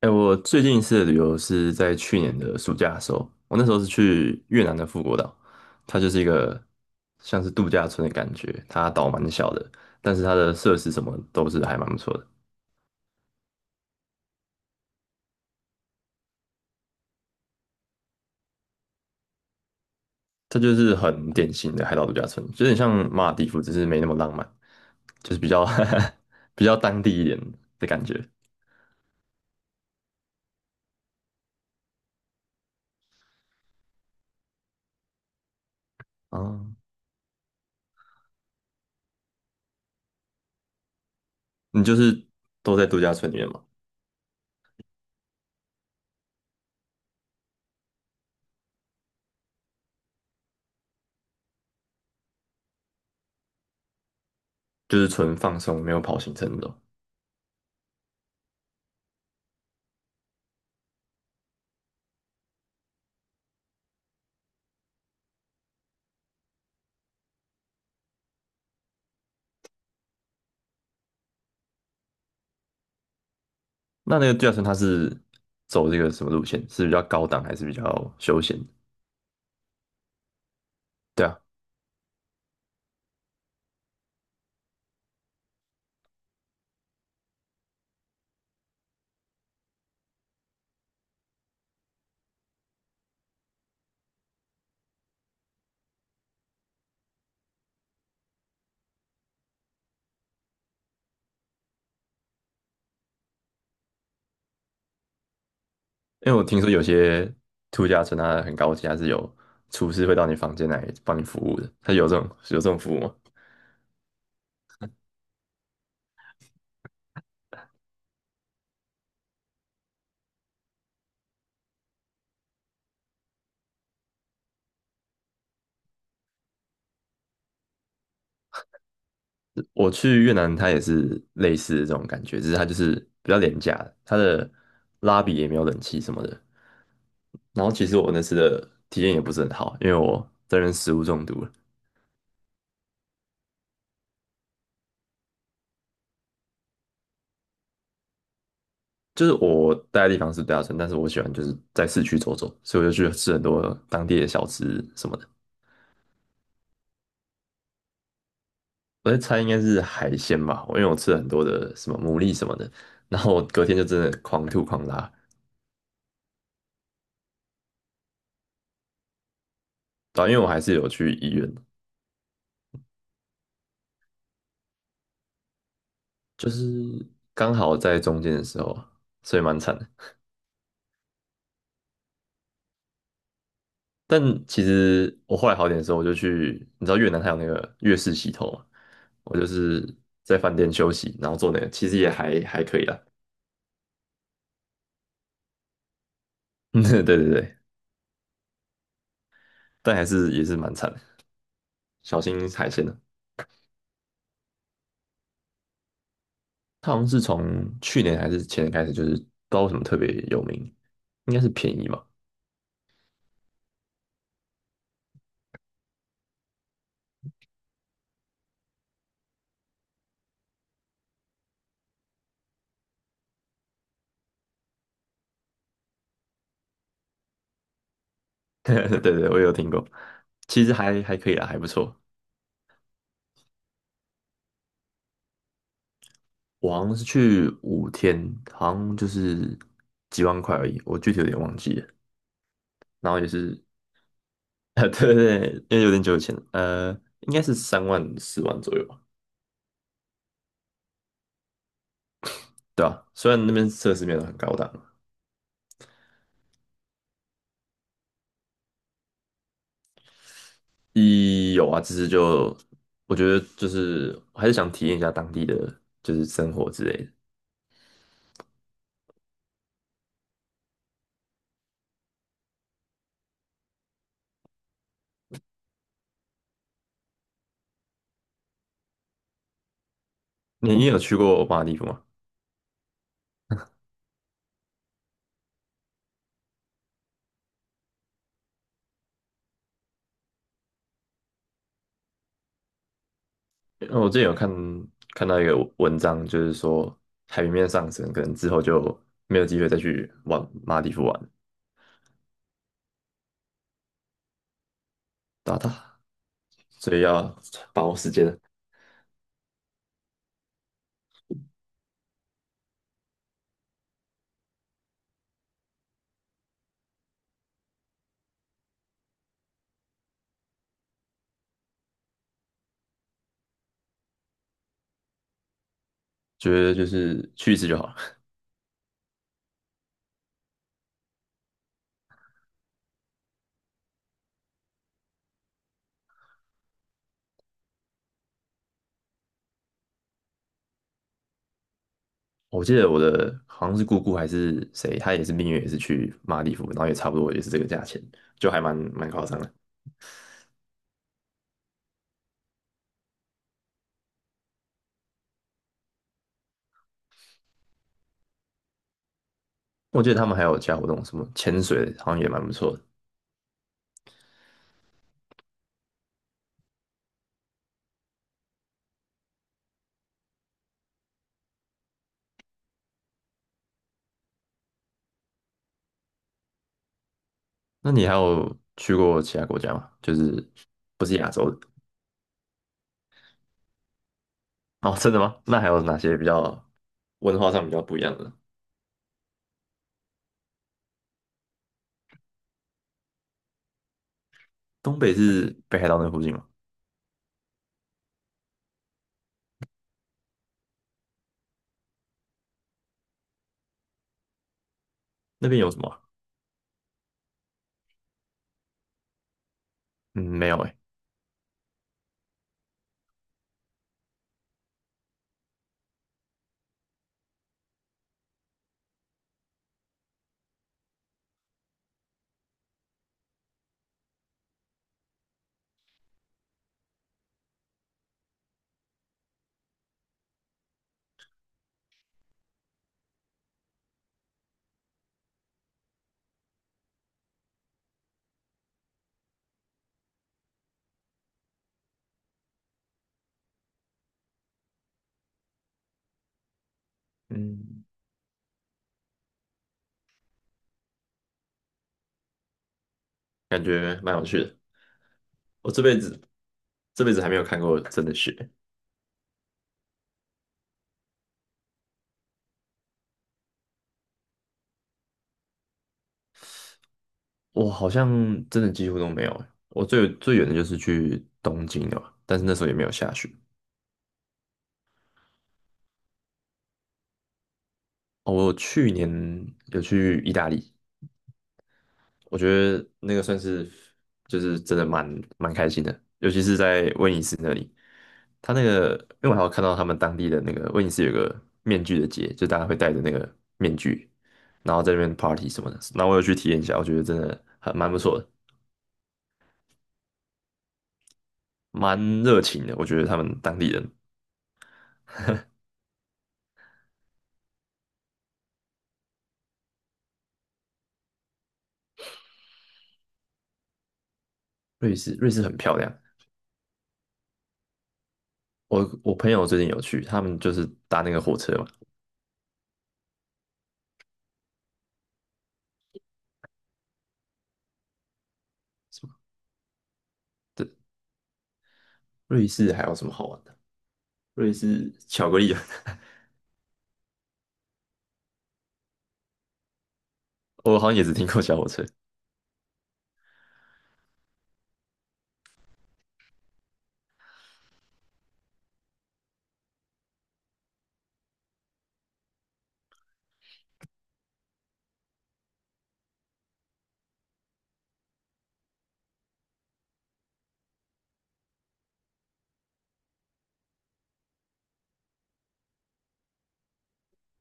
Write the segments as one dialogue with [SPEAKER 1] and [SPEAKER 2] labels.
[SPEAKER 1] 哎、我最近一次的旅游是在去年的暑假的时候，我那时候是去越南的富国岛，它就是一个像是度假村的感觉，它岛蛮小的，但是它的设施什么都是还蛮不错的，它就是很典型的海岛度假村，有点像马尔代夫，只是没那么浪漫，就是比较 比较当地一点的感觉。啊。你就是都在度假村里面嘛，就是纯放松，没有跑行程那种。那个度假村它是走这个什么路线？是比较高档还是比较休闲？对啊，因为我听说有些度假村它很高级，它是有厨师会到你房间来帮你服务的。它有这种服务吗？我去越南，它也是类似的这种感觉，只是它就是比较廉价的它的拉比也没有冷气什么的。然后其实我那次的体验也不是很好，因为我这边食物中毒了。就是我待的地方是度假村，但是我喜欢就是在市区走走，所以我就去吃很多当地的小吃什么的。我在猜应该是海鲜吧，因为我吃了很多的什么牡蛎什么的，然后我隔天就真的狂吐狂拉，对啊，因为我还是有去医院，就是刚好在中间的时候，所以蛮惨的。但其实我后来好点的时候，我就去，你知道越南它有那个越式洗头嘛，我就是在饭店休息，然后做那个，其实也还可以啦。对对对，但还是也是蛮惨的。小心海鲜的。它好像是从去年还是前年开始，就是不知道为什么特别有名，应该是便宜嘛。对对，我也有听过，其实还可以啦，还不错。我好像是去5天，好像就是几万块而已，我具体有点忘记了。然后也是，对对对，因为有点久以前应该是3万4万左右吧，对吧，虽然那边设施没有很高档，一有啊，只是就我觉得就是我还是想体验一下当地的就是生活之类的。你有去过马尔地夫吗？我之前有看到一个文章，就是说海平面上升，可能之后就没有机会再去往马尔地夫玩，打打，所以要把握时间，觉得就是去一次就好了。我记得我的好像是姑姑还是谁，她也是蜜月，也是去马尔地夫，然后也差不多也是这个价钱，就还蛮夸张的。我记得他们还有其他活动，什么潜水，好像也蛮不错的。那你还有去过其他国家吗？就是不是亚洲的？哦，真的吗？那还有哪些比较文化上比较不一样的？东北是北海道那附近吗？那边有什么啊？嗯，没有诶。嗯，感觉蛮有趣的。我这辈子还没有看过真的雪，我好像真的几乎都没有诶。我最远的就是去东京了吧，但是那时候也没有下雪。哦，我去年有去意大利，我觉得那个算是就是真的蛮开心的，尤其是在威尼斯那里。他那个，因为我还有看到他们当地的那个威尼斯有个面具的节，就大家会戴着那个面具，然后在那边 party 什么的。那我有去体验一下，我觉得真的还蛮不错的，蛮热情的。我觉得他们当地人，瑞士很漂亮。我朋友最近有去，他们就是搭那个火车嘛，什么对，瑞士还有什么好玩的？瑞士巧克力，我好像也只听过小火车。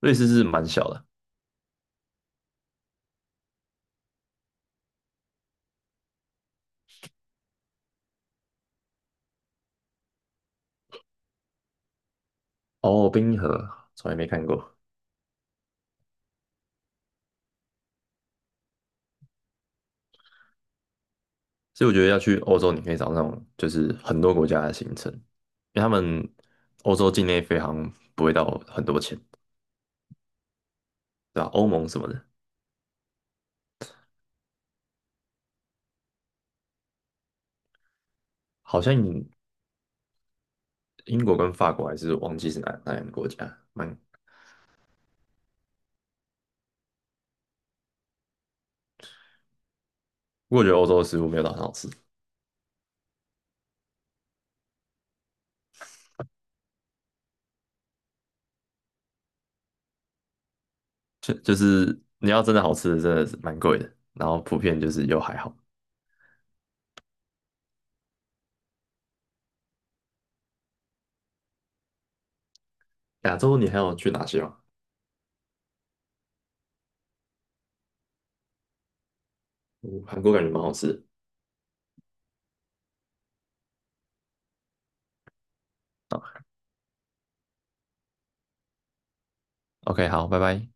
[SPEAKER 1] 瑞士是蛮小的哦，冰河从来没看过。所以我觉得要去欧洲，你可以找那种就是很多国家的行程，因为他们欧洲境内飞航不会到很多钱，对吧？欧盟什么的，好像英国跟法国还是忘记是哪两个国家，蛮，不过我觉得欧洲的食物没有到很好吃，就是你要真的好吃的，真的是蛮贵的，然后普遍就是又还好。亚洲你还有去哪些吗？嗯，韩国感觉蛮好吃的。OK，好，拜拜。